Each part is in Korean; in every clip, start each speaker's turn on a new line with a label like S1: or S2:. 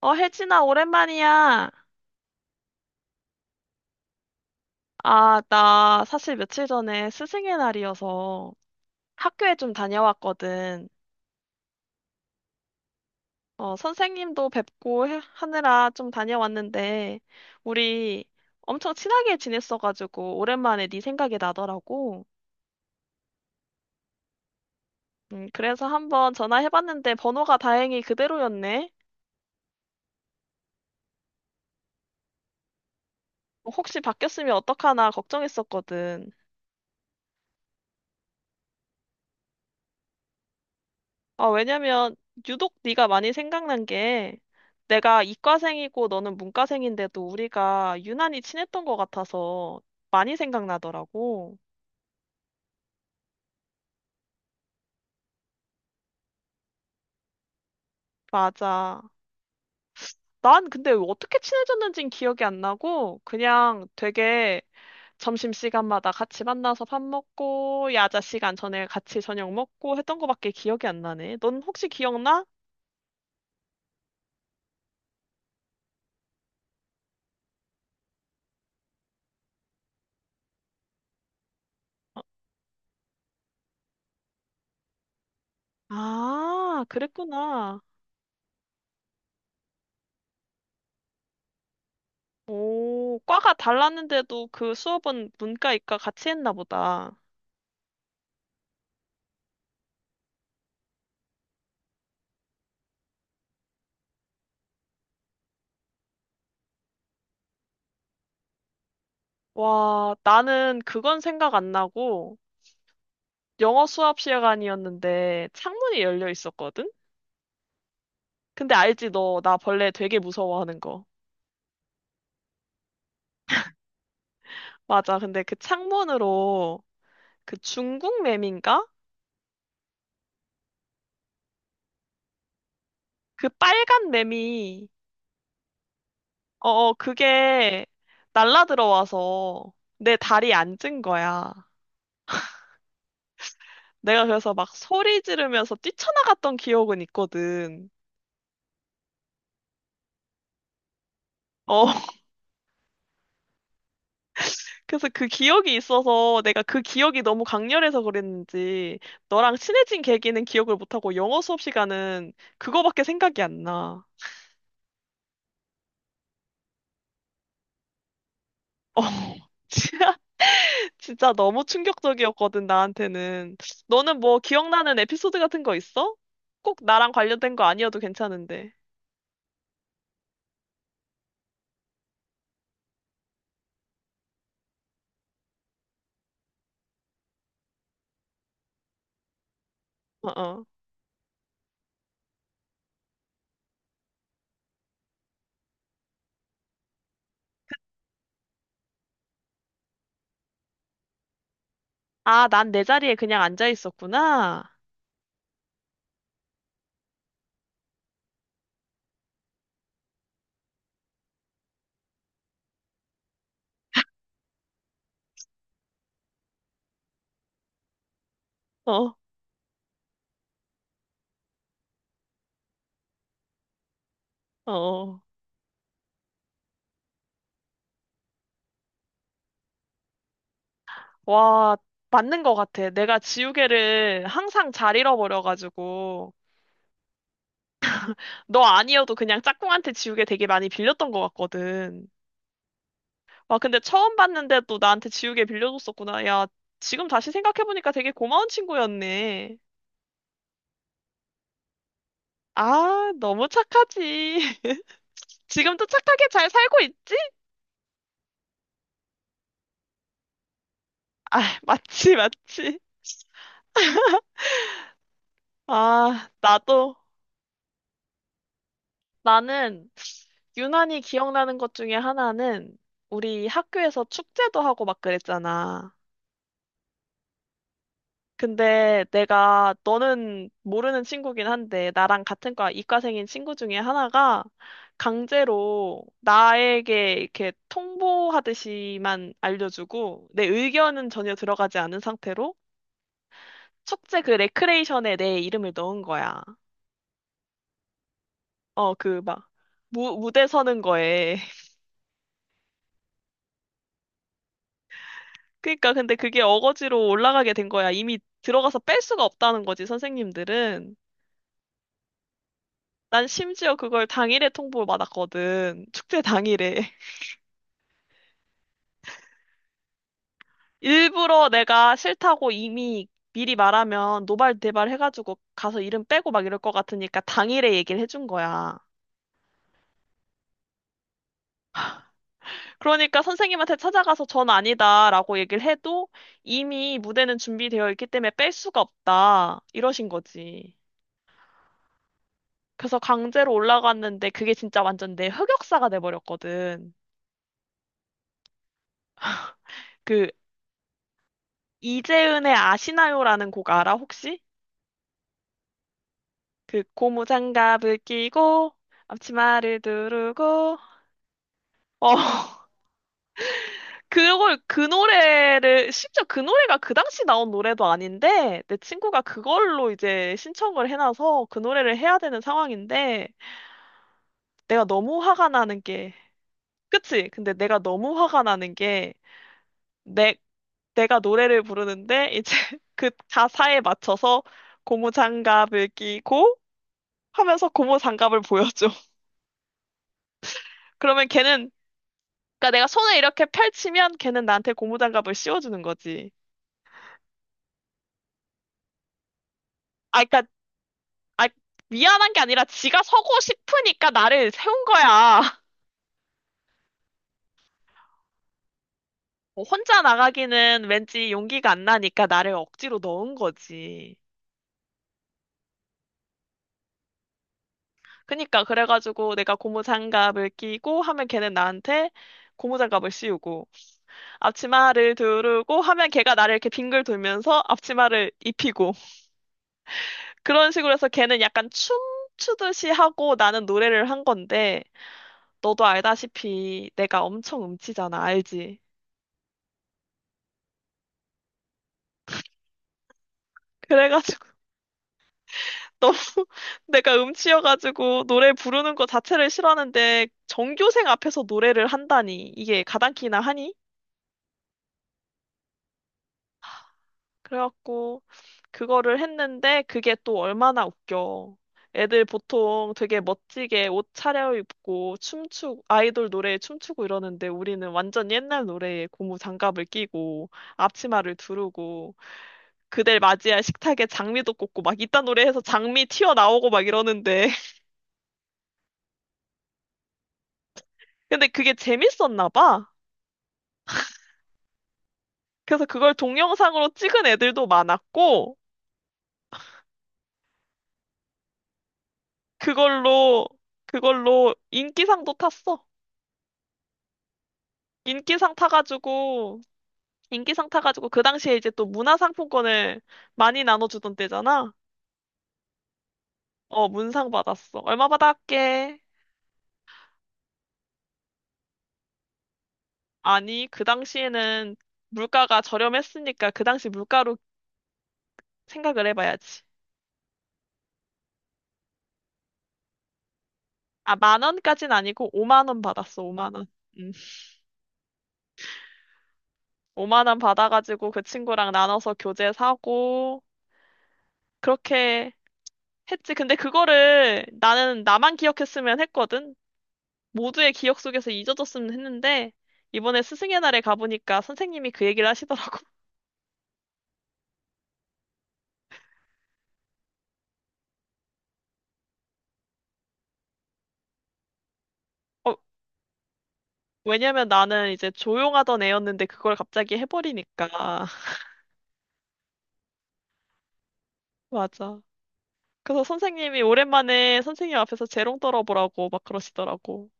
S1: 혜진아, 오랜만이야. 나 사실 며칠 전에 스승의 날이어서 학교에 좀 다녀왔거든. 선생님도 뵙고 하느라 좀 다녀왔는데, 우리 엄청 친하게 지냈어가지고, 오랜만에 네 생각이 나더라고. 그래서 한번 전화해봤는데, 번호가 다행히 그대로였네. 혹시 바뀌었으면 어떡하나 걱정했었거든. 아, 왜냐면 유독 네가 많이 생각난 게 내가 이과생이고 너는 문과생인데도 우리가 유난히 친했던 것 같아서 많이 생각나더라고. 맞아. 난 근데 어떻게 친해졌는진 기억이 안 나고 그냥 되게 점심시간마다 같이 만나서 밥 먹고 야자 시간 전에 같이 저녁 먹고 했던 거밖에 기억이 안 나네. 넌 혹시 기억나? 아, 그랬구나. 오, 과가 달랐는데도 그 수업은 문과, 이과 같이 했나 보다. 와, 나는 그건 생각 안 나고 영어 수업 시간이었는데 창문이 열려 있었거든? 근데 알지, 너, 나 벌레 되게 무서워하는 거. 맞아, 근데 그 창문으로 그 중국 매미인가? 그 빨간 매미, 그게 날라 들어와서 내 다리에 앉은 거야. 내가 그래서 막 소리 지르면서 뛰쳐나갔던 기억은 있거든. 어. 그래서 그 기억이 있어서 내가 그 기억이 너무 강렬해서 그랬는지 너랑 친해진 계기는 기억을 못하고 영어 수업 시간은 그거밖에 생각이 안 나. 어, 진짜 진짜 너무 충격적이었거든, 나한테는. 너는 뭐 기억나는 에피소드 같은 거 있어? 꼭 나랑 관련된 거 아니어도 괜찮은데. 어, 어. 아, 난 내 자리에 그냥 앉아 있었구나. 어, 어. 어. 와, 맞는 것 같아. 내가 지우개를 항상 잘 잃어버려가지고. 너 아니어도 그냥 짝꿍한테 지우개 되게 많이 빌렸던 것 같거든. 와, 근데 처음 봤는데 또 나한테 지우개 빌려줬었구나. 야, 지금 다시 생각해보니까 되게 고마운 친구였네. 아, 너무 착하지. 지금도 착하게 잘 살고 있지? 아, 맞지, 맞지. 아, 나도, 나는 유난히 기억나는 것 중에 하나는 우리 학교에서 축제도 하고 막 그랬잖아. 근데 내가 너는 모르는 친구긴 한데 나랑 같은 과 이과생인 친구 중에 하나가 강제로 나에게 이렇게 통보하듯이만 알려주고 내 의견은 전혀 들어가지 않은 상태로 숙제 그 레크레이션에 내 이름을 넣은 거야. 어, 그 막 무대 서는 거에. 그러니까 근데 그게 어거지로 올라가게 된 거야. 이미 들어가서 뺄 수가 없다는 거지, 선생님들은. 난 심지어 그걸 당일에 통보를 받았거든. 축제 당일에. 일부러 내가 싫다고 이미 미리 말하면 노발대발 해가지고 가서 이름 빼고 막 이럴 것 같으니까 당일에 얘기를 해준 거야. 그러니까 선생님한테 찾아가서 전 아니다라고 얘기를 해도 이미 무대는 준비되어 있기 때문에 뺄 수가 없다. 이러신 거지. 그래서 강제로 올라갔는데 그게 진짜 완전 내 흑역사가 돼버렸거든. 그 이재은의 아시나요라는 곡 알아 혹시? 그 고무장갑을 끼고 앞치마를 두르고 어 그걸 그 노래를 심지어 그 노래가 그 당시 나온 노래도 아닌데 내 친구가 그걸로 이제 신청을 해놔서 그 노래를 해야 되는 상황인데 내가 너무 화가 나는 게 그치? 근데 내가 너무 화가 나는 게 내, 내가 노래를 부르는데 이제 그 가사에 맞춰서 고무장갑을 끼고 하면서 고무장갑을 보여줘. 그러면 걔는 그러니까 내가 손을 이렇게 펼치면 걔는 나한테 고무장갑을 씌워주는 거지. 아, 그러니까 아, 미안한 게 아니라 지가 서고 싶으니까 나를 세운 거야. 뭐 혼자 나가기는 왠지 용기가 안 나니까 나를 억지로 넣은 거지. 그니까, 그래가지고 내가 고무장갑을 끼고 하면 걔는 나한테 고무장갑을 씌우고, 앞치마를 두르고 하면 걔가 나를 이렇게 빙글 돌면서 앞치마를 입히고, 그런 식으로 해서 걔는 약간 춤추듯이 하고 나는 노래를 한 건데, 너도 알다시피 내가 엄청 음치잖아, 알지? 그래가지고. 너무 내가 음치여가지고 노래 부르는 거 자체를 싫어하는데 전교생 앞에서 노래를 한다니 이게 가당키나 하니? 그래갖고 그거를 했는데 그게 또 얼마나 웃겨. 애들 보통 되게 멋지게 옷 차려입고 춤추고 아이돌 노래에 춤추고 이러는데 우리는 완전 옛날 노래에 고무 장갑을 끼고 앞치마를 두르고 그댈 맞이할 식탁에 장미도 꽂고 막 이딴 노래해서 장미 튀어나오고 막 이러는데 근데 그게 재밌었나 봐. 그래서 그걸 동영상으로 찍은 애들도 많았고, 그걸로, 그걸로 인기상도 탔어. 인기상 타가지고, 인기상 타가지고, 그 당시에 이제 또 문화상품권을 많이 나눠주던 때잖아. 어, 문상 받았어. 얼마 받았게? 아니, 그 당시에는 물가가 저렴했으니까 그 당시 물가로 생각을 해봐야지. 아, 만 원까진 아니고 5만 원 받았어, 5만 원. 음, 5만 원 받아가지고 그 친구랑 나눠서 교재 사고, 그렇게 했지. 근데 그거를 나는 나만 기억했으면 했거든. 모두의 기억 속에서 잊어졌으면 했는데, 이번에 스승의 날에 가보니까 선생님이 그 얘기를 하시더라고. 어, 왜냐면 나는 이제 조용하던 애였는데 그걸 갑자기 해버리니까. 맞아. 그래서 선생님이 오랜만에 선생님 앞에서 재롱 떨어보라고 막 그러시더라고.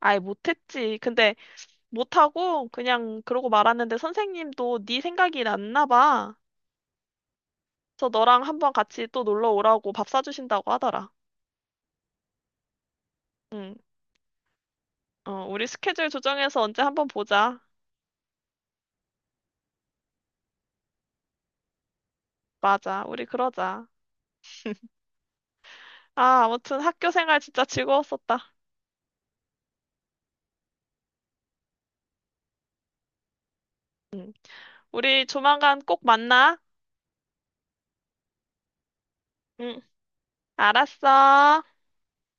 S1: 아예 못했지. 근데 못하고 그냥 그러고 말았는데 선생님도 네 생각이 났나 봐. 그래서 너랑 한번 같이 또 놀러 오라고 밥 사주신다고 하더라. 응. 어, 우리 스케줄 조정해서 언제 한번 보자. 맞아, 우리 그러자. 아, 아무튼 학교 생활 진짜 즐거웠었다. 우리 조만간 꼭 만나. 응, 알았어.